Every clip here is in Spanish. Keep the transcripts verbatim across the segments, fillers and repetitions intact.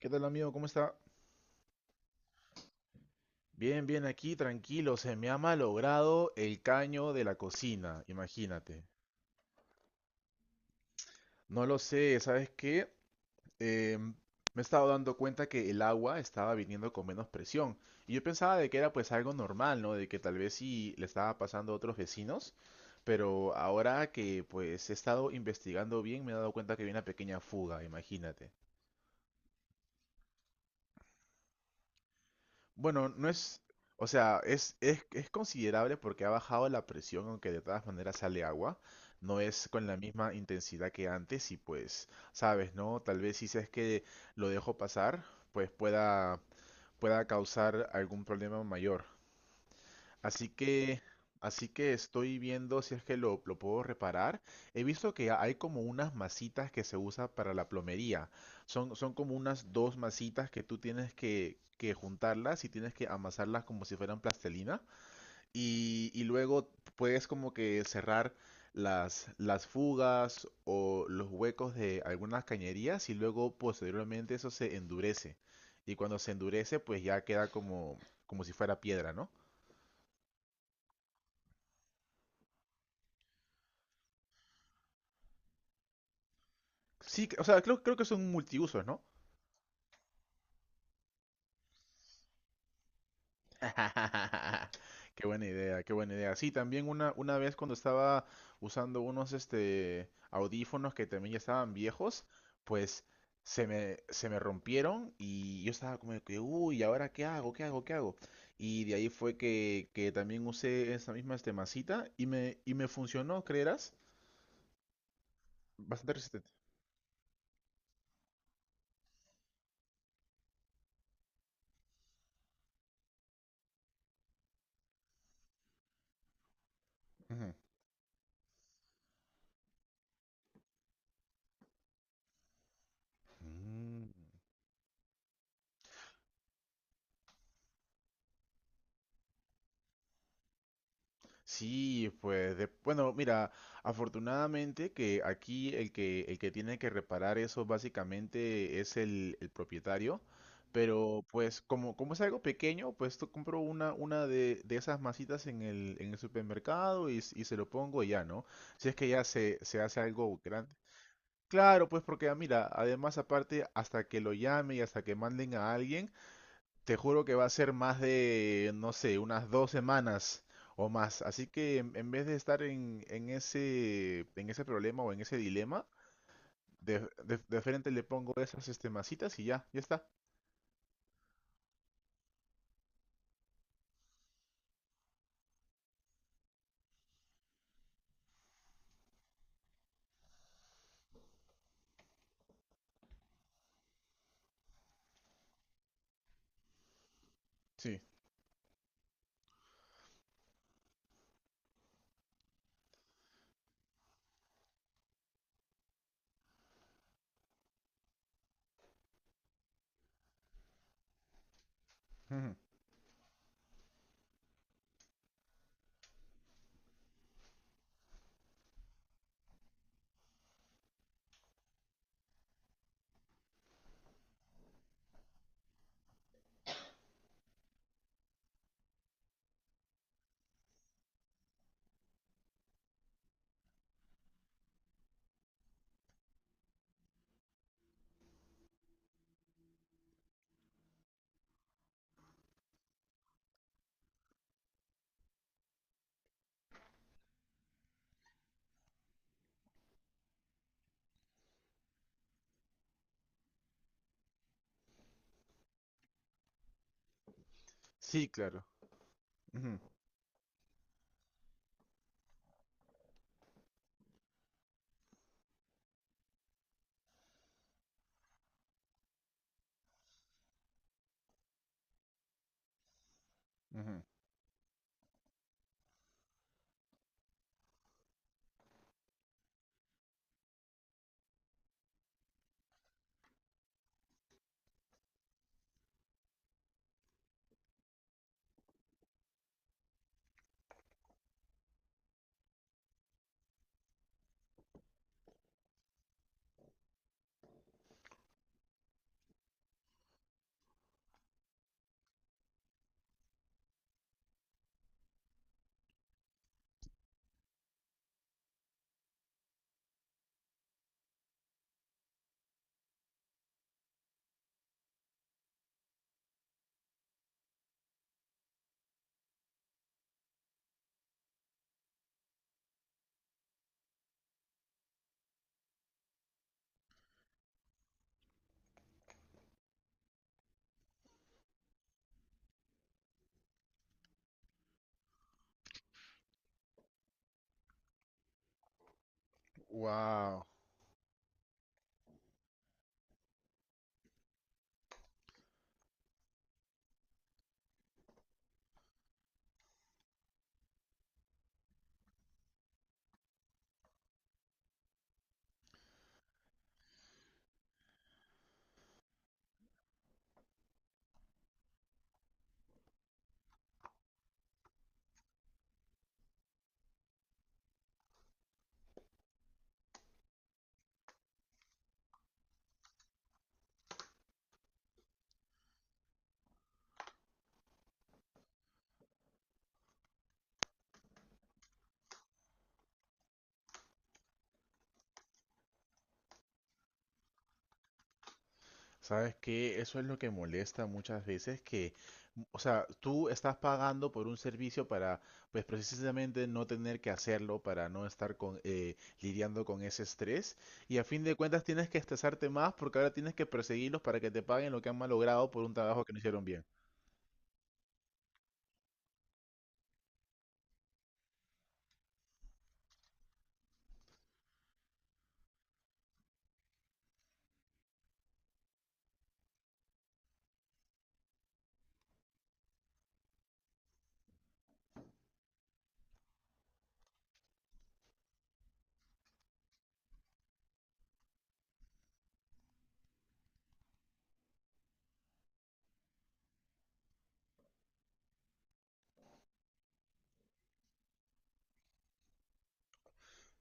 ¿Qué tal, amigo? ¿Cómo está? Bien, bien, aquí, tranquilo. Se me ha malogrado el caño de la cocina, imagínate. No lo sé, ¿sabes qué? Eh, me he estado dando cuenta que el agua estaba viniendo con menos presión. Y yo pensaba de que era pues algo normal, ¿no? De que tal vez sí le estaba pasando a otros vecinos. Pero ahora que pues he estado investigando bien, me he dado cuenta que había una pequeña fuga, imagínate. Bueno, no es, o sea, es, es, es considerable porque ha bajado la presión, aunque de todas maneras sale agua. No es con la misma intensidad que antes y pues, sabes, ¿no? Tal vez si es que lo dejo pasar, pues pueda, pueda causar algún problema mayor. Así que, así que estoy viendo si es que lo, lo puedo reparar. He visto que hay como unas masitas que se usa para la plomería. Son, son como unas dos masitas que tú tienes que, que juntarlas y tienes que amasarlas como si fueran plastilina. Y, y luego puedes como que cerrar las, las fugas o los huecos de algunas cañerías, y luego posteriormente eso se endurece. Y cuando se endurece, pues ya queda como, como si fuera piedra, ¿no? Sí, o sea, creo, creo que son multiusos, ¿no? Qué buena idea, qué buena idea. Sí, también una, una vez cuando estaba usando unos este audífonos que también ya estaban viejos, pues se me, se me rompieron y yo estaba como de que, uy, ¿ahora qué hago? ¿Qué hago? ¿Qué hago? Y de ahí fue que, que también usé esa misma este, masita y me, y me funcionó, ¿creerás? Bastante resistente. Ujú. Mm. Sí, pues, de- bueno, mira, afortunadamente que aquí el que, el que tiene que reparar eso básicamente es el, el propietario, pero pues como, como es algo pequeño, pues tú compro una, una de, de esas masitas en el, en el supermercado y, s- y se lo pongo y ya, ¿no? Si es que ya se, se hace algo grande. Claro, pues porque ah, mira, además aparte, hasta que lo llame y hasta que manden a alguien, te juro que va a ser más de, no sé, unas dos semanas o más. Así que en, en vez de estar en, en ese, en ese problema o en ese dilema, de, de- de frente le pongo esas este, masitas y ya, ya está. Sí. Ujú. Sí, claro. Wow. ¿Sabes qué? Eso es lo que molesta muchas veces, que, m- o sea, tú estás pagando por un servicio para, pues precisamente no tener que hacerlo, para no estar con, eh, lidiando con ese estrés, y a fin de cuentas tienes que estresarte más porque ahora tienes que perseguirlos para que te paguen lo que han malogrado por un trabajo que no hicieron bien.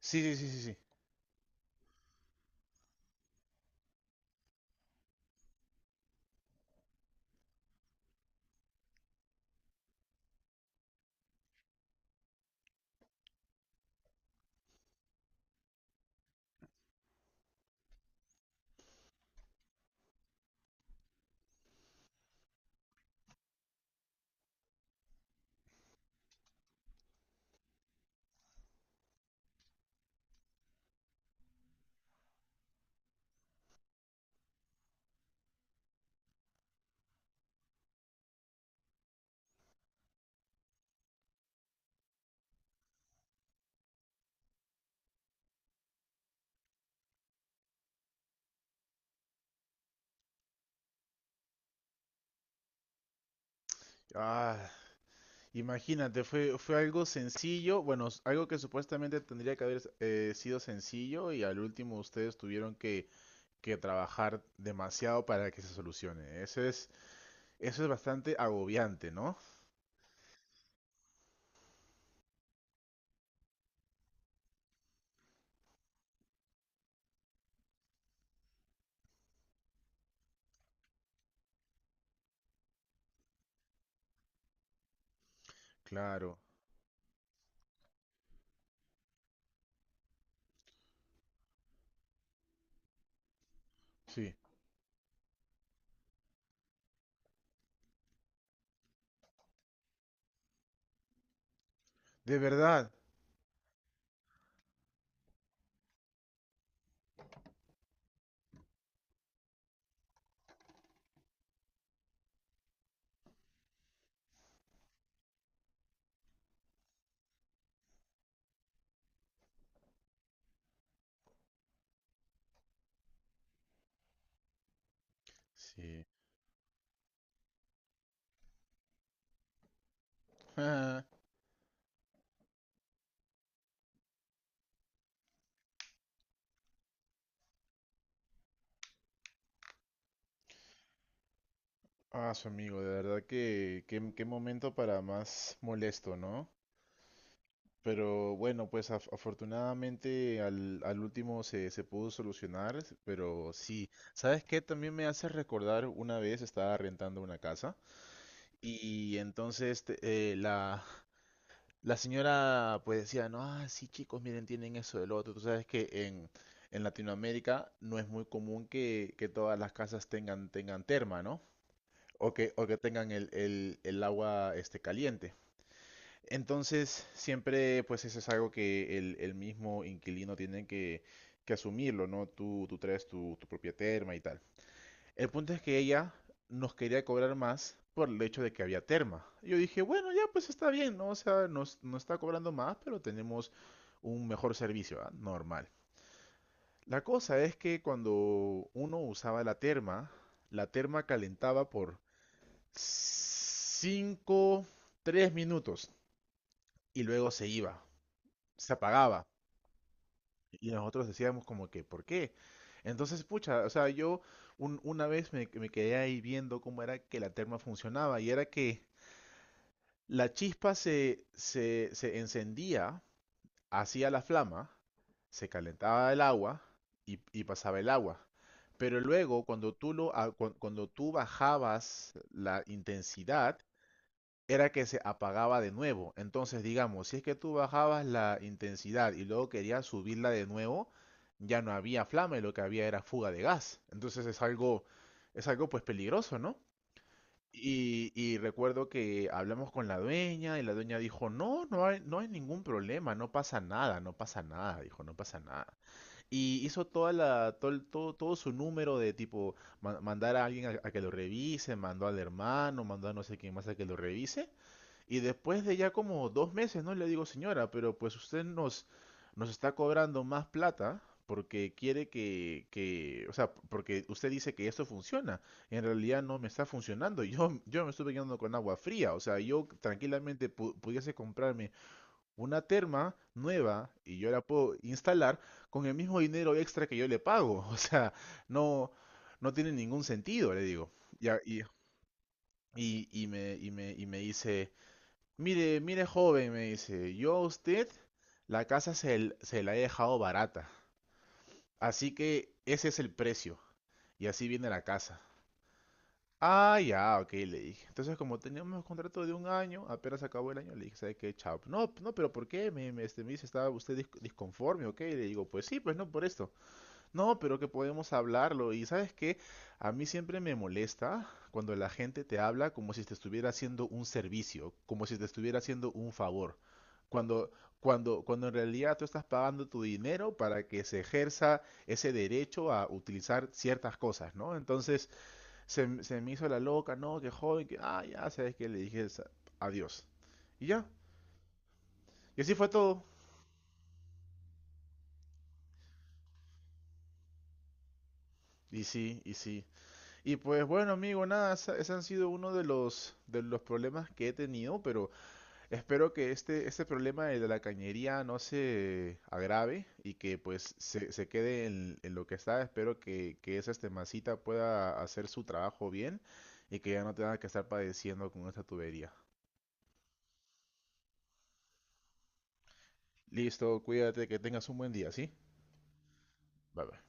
Sí, sí, sí, sí, sí. Ah, imagínate, fue, fue algo sencillo, bueno, s- algo que supuestamente tendría que haber eh, sido sencillo y al último ustedes tuvieron que que trabajar demasiado para que se solucione. Eso es, eso es bastante agobiante, ¿no? Claro, sí, de verdad, sí. Ah, ah, su amigo, de verdad que qué, qué momento para más molesto, ¿no? Pero bueno, pues af- afortunadamente al, al último se, se pudo solucionar, pero sí, ¿sabes qué? También me hace recordar una vez estaba rentando una casa y entonces te- eh, la, la señora pues decía, no, ah, sí chicos, miren, tienen eso del otro. Tú sabes que en, en Latinoamérica no es muy común que, que todas las casas tengan, tengan terma, ¿no? O que, o que tengan el, el- el agua este, caliente. Entonces, siempre pues eso es algo que el, el mismo inquilino tiene que, que asumirlo, ¿no? Tú, tú traes tu, tu propia terma y tal. El punto es que ella nos quería cobrar más por el hecho de que había terma. Y yo dije, bueno, ya pues está bien, ¿no? O sea, nos, nos está cobrando más, pero tenemos un mejor servicio, ¿ah? Normal. La cosa es que cuando uno usaba la terma, la terma calentaba por cinco, tres minutos y luego se iba, se apagaba. Y nosotros decíamos como que, ¿por qué? Entonces, pucha, o sea, yo un- una vez me, me quedé ahí viendo cómo era que la terma funcionaba, y era que la chispa se, se, se encendía, hacía la flama, se calentaba el agua y, y pasaba el agua. Pero luego, cuando tú, lo, a- cuan- cuando tú bajabas la intensidad, era que se apagaba de nuevo. Entonces, digamos, si es que tú bajabas la intensidad y luego querías subirla de nuevo, ya no había flama y lo que había era fuga de gas. Entonces es algo, es algo pues peligroso, ¿no? Y, y recuerdo que hablamos con la dueña y la dueña dijo, no, no hay, no hay ningún problema, no pasa nada, no pasa nada, dijo, no pasa nada. Y hizo toda la, todo, el- todo, todo su número de tipo, ma- mandar a alguien a, a que lo revise, mandó al hermano, mandó a no sé quién más a que lo revise. Y después de ya como dos meses, ¿no? Le digo, señora, pero pues usted nos, nos está cobrando más plata porque quiere que, que, o sea, porque usted dice que esto funciona. En realidad no me está funcionando. Yo, yo me estuve quedando con agua fría. O sea, yo tranquilamente pu- pudiese comprarme una terma nueva y yo la puedo instalar con el mismo dinero extra que yo le pago. O sea, no, no tiene ningún sentido, le digo. Y, a- y, y, y me, y, me, y me dice... Mire, mire, joven, me dice, yo a usted la casa se, l- se la he dejado barata. Así que ese es el precio. Y así viene la casa. Ah, ya, ok, le dije. Entonces, como teníamos contrato de un año, apenas acabó el año, le dije, ¿sabe qué? Chao. No, no, pero ¿por qué? Me, me- este, me dice, ¿estaba usted dis- disconforme? Ok, le digo, pues sí, pues no, por esto. No, pero que podemos hablarlo. Y sabes qué, a mí siempre me molesta cuando la gente te habla como si te estuviera haciendo un servicio, como si te estuviera haciendo un favor. Cuando, cuando, cuando en realidad tú estás pagando tu dinero para que se ejerza ese derecho a utilizar ciertas cosas, ¿no? Entonces se, m- se me hizo la loca, no, que joven, que, ah, ya, sabes que le dije sa- adiós. Y ya, y así fue todo. Y sí, y sí. Y pues bueno, amigo, nada, esa- ese han sido uno de los de los problemas que he tenido, pero espero que este este problema de la cañería no se agrave y que pues se, se quede en, en lo que está. Espero que, que esa este masita pueda hacer su trabajo bien y que ya no tenga que estar padeciendo con esta tubería. Listo, cuídate, que tengas un buen día, ¿sí? Bye bye.